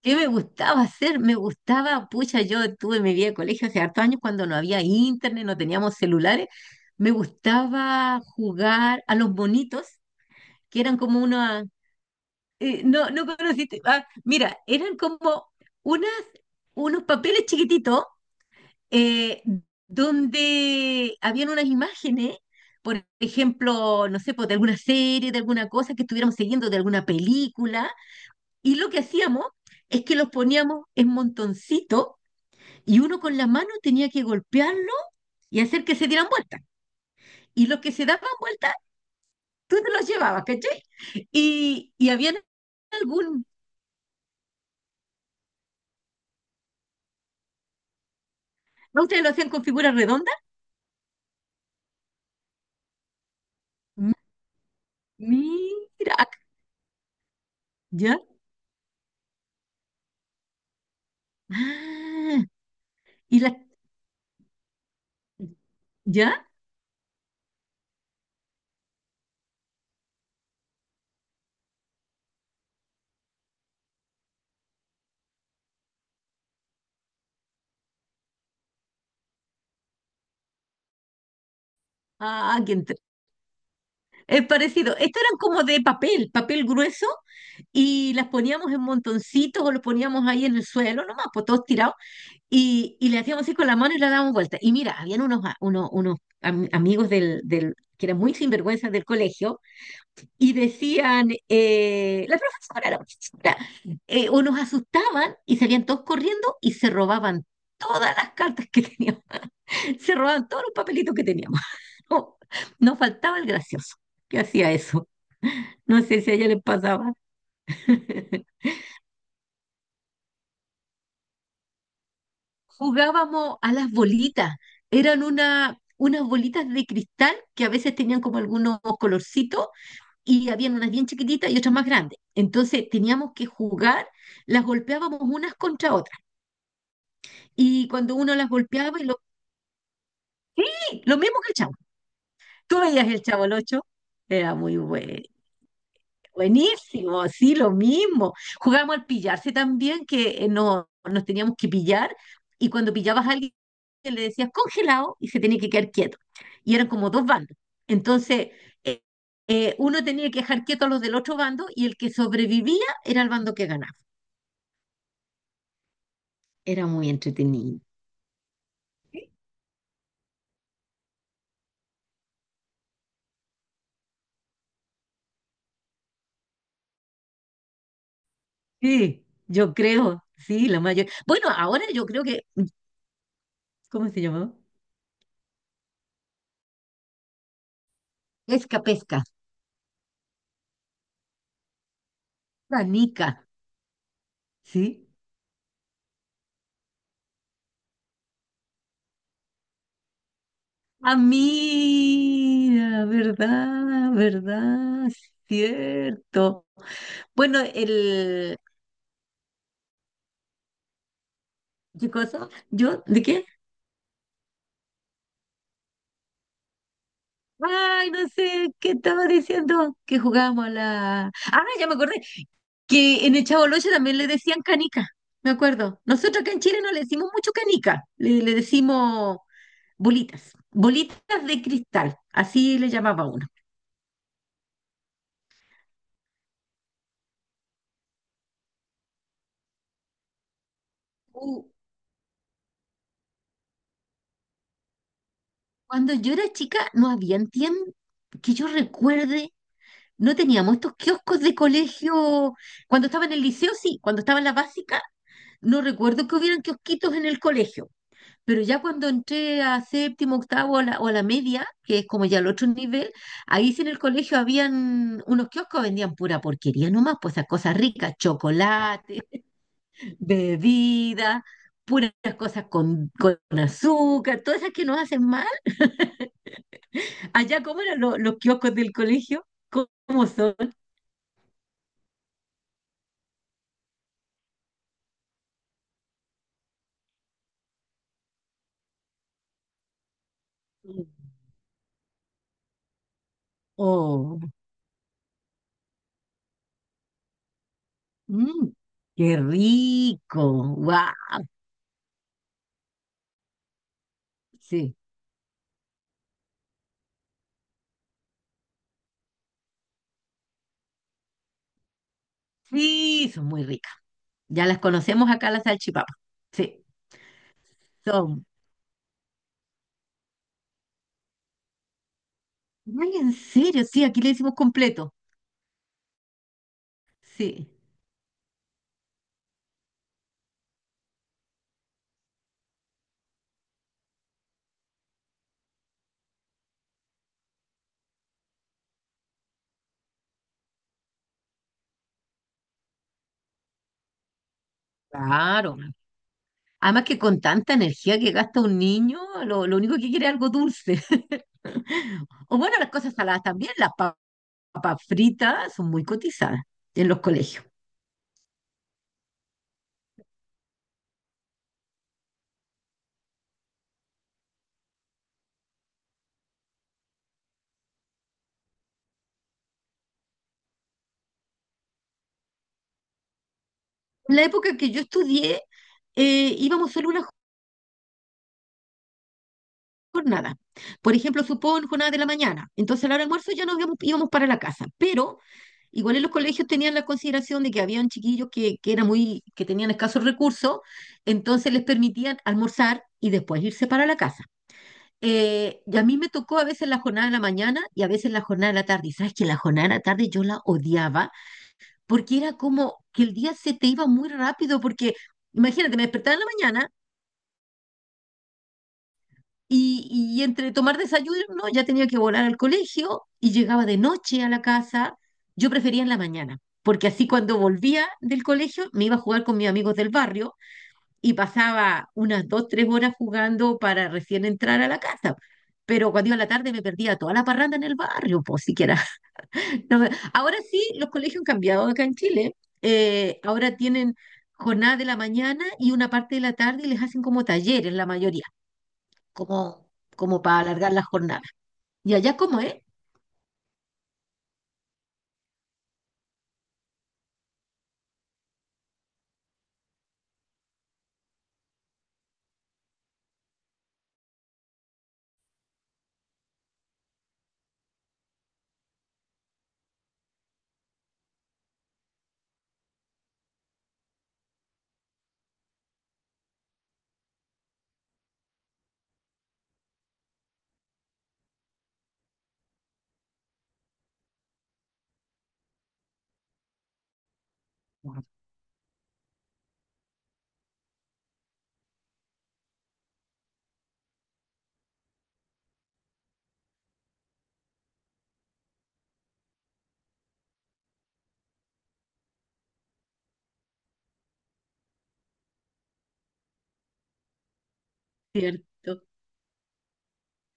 ¿Qué me gustaba hacer? Me gustaba, pucha, yo tuve mi vida de colegio hace hartos años cuando no había internet, no teníamos celulares. Me gustaba jugar a los bonitos, que eran como una, no, no conociste. Ah, mira, eran como unas, unos papeles chiquititos, eh, donde habían unas imágenes, por ejemplo, no sé, pues, de alguna serie, de alguna cosa que estuviéramos siguiendo, de alguna película, y lo que hacíamos es que los poníamos en montoncitos y uno con la mano tenía que golpearlo y hacer que se dieran vueltas. Y los que se daban vueltas, tú te los llevabas, ¿cachai? Y habían algún. ¿No? ¿Ustedes lo hacían con figuras redondas? M- Mira, ¿ya? Ah, y la. ¿Ya? Ah, es parecido. Estos eran como de papel, papel grueso, y las poníamos en montoncitos o los poníamos ahí en el suelo, nomás, pues todos tirados. Y le hacíamos así con la mano y la dábamos vuelta. Y mira, habían unos, amigos del que eran muy sinvergüenzas del colegio y decían, la profesora, o nos asustaban y salían todos corriendo y se robaban todas las cartas que teníamos, se robaban todos los papelitos que teníamos. No, nos faltaba el gracioso que hacía eso. No sé si a ella le pasaba. Jugábamos a las bolitas. Eran unas bolitas de cristal que a veces tenían como algunos colorcitos y habían unas bien chiquititas y otras más grandes. Entonces teníamos que jugar, las golpeábamos unas contra otras. Y cuando uno las golpeaba, y lo, ¡pi!, lo mismo que el chavo. Tú veías el chavo el 8, era muy bueno. Buenísimo, sí, lo mismo. Jugábamos al pillarse también, que no, nos teníamos que pillar, y cuando pillabas a alguien le decías congelado y se tenía que quedar quieto. Y eran como dos bandos. Entonces, eh, uno tenía que dejar quieto a los del otro bando y el que sobrevivía era el bando que ganaba. Era muy entretenido. Sí, yo creo, sí, la mayor. Bueno, ahora yo creo que, ¿cómo se llamaba? Pesca, pesca, canica, ¿sí? Ah, mira, verdad, verdad, cierto. Bueno, el. ¿Qué cosa? ¿Yo? ¿De qué? Ay, no sé, ¿qué estaba diciendo? Que jugábamos a la. Ah, ya me acordé, que en el Chaboloche también le decían canica, me acuerdo. Nosotros acá en Chile no le decimos mucho canica, le decimos bolitas, bolitas de cristal, así le llamaba uno. Uh, Cuando yo era chica no habían tiempo que yo recuerde. No teníamos estos kioscos de colegio. Cuando estaba en el liceo, sí. Cuando estaba en la básica, no recuerdo que hubieran kiosquitos en el colegio. Pero ya cuando entré a séptimo, octavo a o a la media, que es como ya el otro nivel, ahí sí en el colegio habían unos kioscos, vendían pura porquería nomás, pues esas cosas ricas, chocolate, bebida, puras cosas con azúcar, todas esas que nos hacen mal. Allá, ¿cómo eran los kioscos del colegio? ¿Cómo son? Oh. Mm, qué rico. ¡Wow! Sí, sí, son muy ricas. Ya las conocemos acá, las salchipapas. Sí, son. Ay, en serio, sí, aquí le decimos completo. Sí, claro. Además que con tanta energía que gasta un niño, lo único que quiere es algo dulce. O bueno, las cosas saladas también, papas fritas son muy cotizadas en los colegios. En la época que yo estudié, íbamos solo una jornada. Por ejemplo, supón jornada de la mañana. Entonces, a la hora del almuerzo ya nos íbamos, íbamos para la casa. Pero igual en los colegios tenían la consideración de que habían chiquillos que eran muy, que tenían escasos recursos, entonces les permitían almorzar y después irse para la casa. Y a mí me tocó a veces la jornada de la mañana y a veces la jornada de la tarde. Y sabes que la jornada de la tarde yo la odiaba porque era como que el día se te iba muy rápido porque, imagínate, me despertaba en la mañana. Y entre tomar desayuno, ¿no?, ya tenía que volar al colegio y llegaba de noche a la casa. Yo prefería en la mañana, porque así cuando volvía del colegio me iba a jugar con mis amigos del barrio y pasaba unas dos, tres horas jugando para recién entrar a la casa. Pero cuando iba a la tarde me perdía toda la parranda en el barrio, pues siquiera. No me- Ahora sí, los colegios han cambiado acá en Chile. Ahora tienen jornada de la mañana y una parte de la tarde y les hacen como talleres la mayoría, como como para alargar las jornadas. Y allá cómo es, ¿cierto?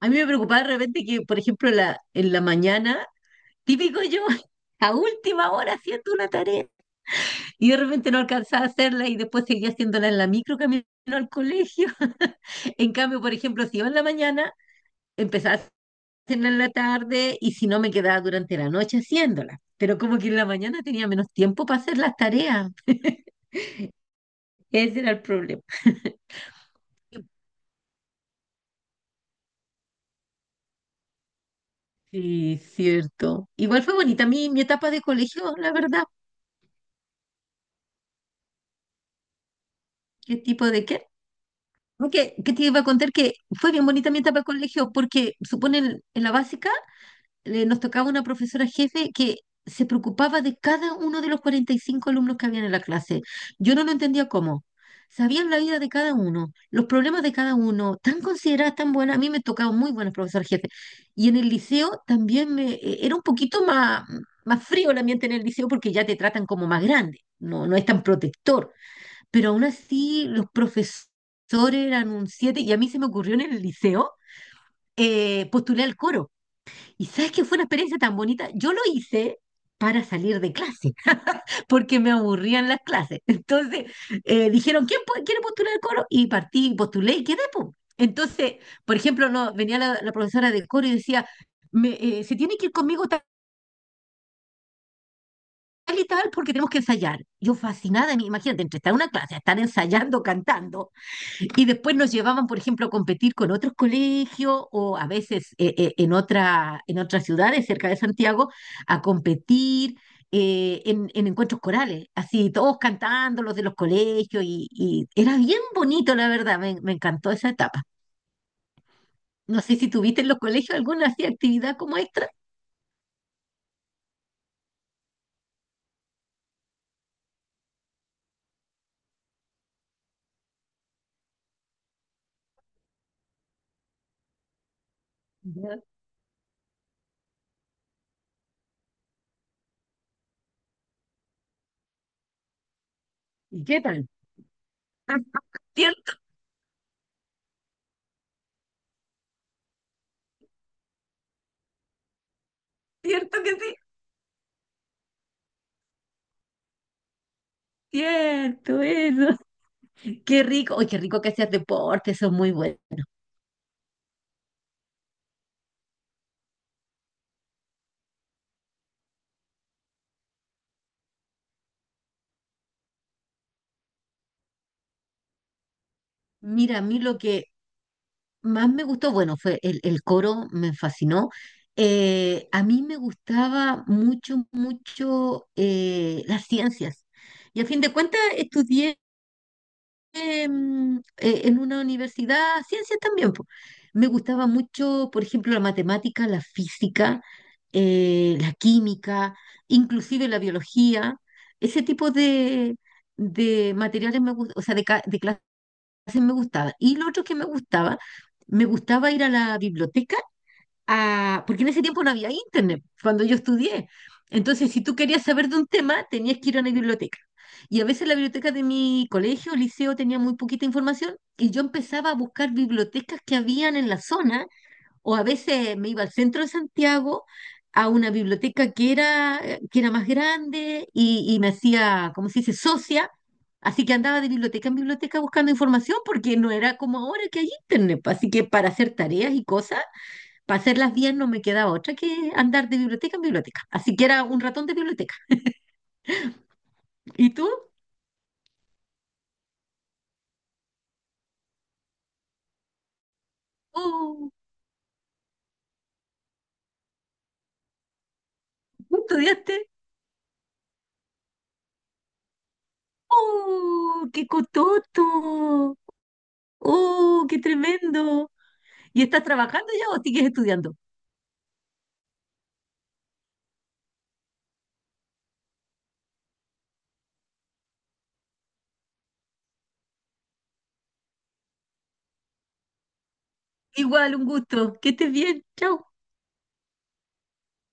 A mí me preocupaba de repente que, por ejemplo, en la mañana, típico yo, a última hora haciendo una tarea y de repente no alcanzaba a hacerla y después seguía haciéndola en la micro camino al colegio. En cambio, por ejemplo, si iba en la mañana, empezaba a hacerla en la tarde y si no, me quedaba durante la noche haciéndola. Pero como que en la mañana tenía menos tiempo para hacer las tareas. Ese era el problema. Sí, cierto. Igual fue bonita mi etapa de colegio, la verdad. ¿Qué tipo de qué? Aunque, ¿qué te iba a contar? Que fue bien bonita mi etapa de colegio porque, suponen, en la básica nos tocaba una profesora jefe que se preocupaba de cada uno de los 45 alumnos que habían en la clase. Yo no lo entendía cómo. Sabían la vida de cada uno, los problemas de cada uno, tan consideradas, tan buenas. A mí me tocaban muy buenas profesoras jefes. Y en el liceo también era un poquito más, más frío el ambiente en el liceo porque ya te tratan como más grande, no, no es tan protector. Pero aún así los profesores eran un siete y a mí se me ocurrió en el liceo postular al coro. Y sabes que fue una experiencia tan bonita. Yo lo hice para salir de clase, porque me aburrían las clases. Entonces dijeron, ¿quién quiere postular el coro? Y partí, postulé y quedé, po. Entonces, por ejemplo, no, venía la profesora del coro y decía, me, se tiene que ir conmigo tal y tal porque tenemos que ensayar. Yo fascinada, imagínate, entre estar en una clase, estar ensayando, cantando. Y después nos llevaban, por ejemplo, a competir con otros colegios o a veces en en otras ciudades cerca de Santiago a competir, en encuentros corales, así todos cantando los de los colegios y era bien bonito, la verdad, me encantó esa etapa. No sé si tuviste en los colegios alguna así actividad como extra. Ya. ¿Y qué tal? Cierto, cierto que sí. Cierto, eso. Qué rico. Oye, qué rico que hacías deporte, eso es muy bueno. Mira, a mí lo que más me gustó, bueno, fue el coro, me fascinó. A mí me gustaba mucho, mucho, las ciencias. Y a fin de cuentas estudié, en una universidad, ciencias también. Po. Me gustaba mucho, por ejemplo, la matemática, la física, la química, inclusive la biología. Ese tipo de materiales me gusta, o sea, de clases me gustaba. Y lo otro que me gustaba ir a la biblioteca, a... porque en ese tiempo no había internet, cuando yo estudié. Entonces, si tú querías saber de un tema, tenías que ir a una biblioteca. Y a veces la biblioteca de mi colegio o liceo tenía muy poquita información y yo empezaba a buscar bibliotecas que habían en la zona, o a veces me iba al centro de Santiago a una biblioteca que era más grande y me hacía, como se dice, socia, así que andaba de biblioteca en biblioteca buscando información porque no era como ahora que hay internet, pa, así que para hacer tareas y cosas, para hacerlas bien no me quedaba otra que andar de biblioteca en biblioteca, así que era un ratón de biblioteca. ¿Y tú? Oh, ¿tú estudiaste? ¡Oh, qué cototo! ¡Oh, qué tremendo! ¿Y estás trabajando ya o sigues estudiando? Igual, un gusto. Que estés bien. Chau.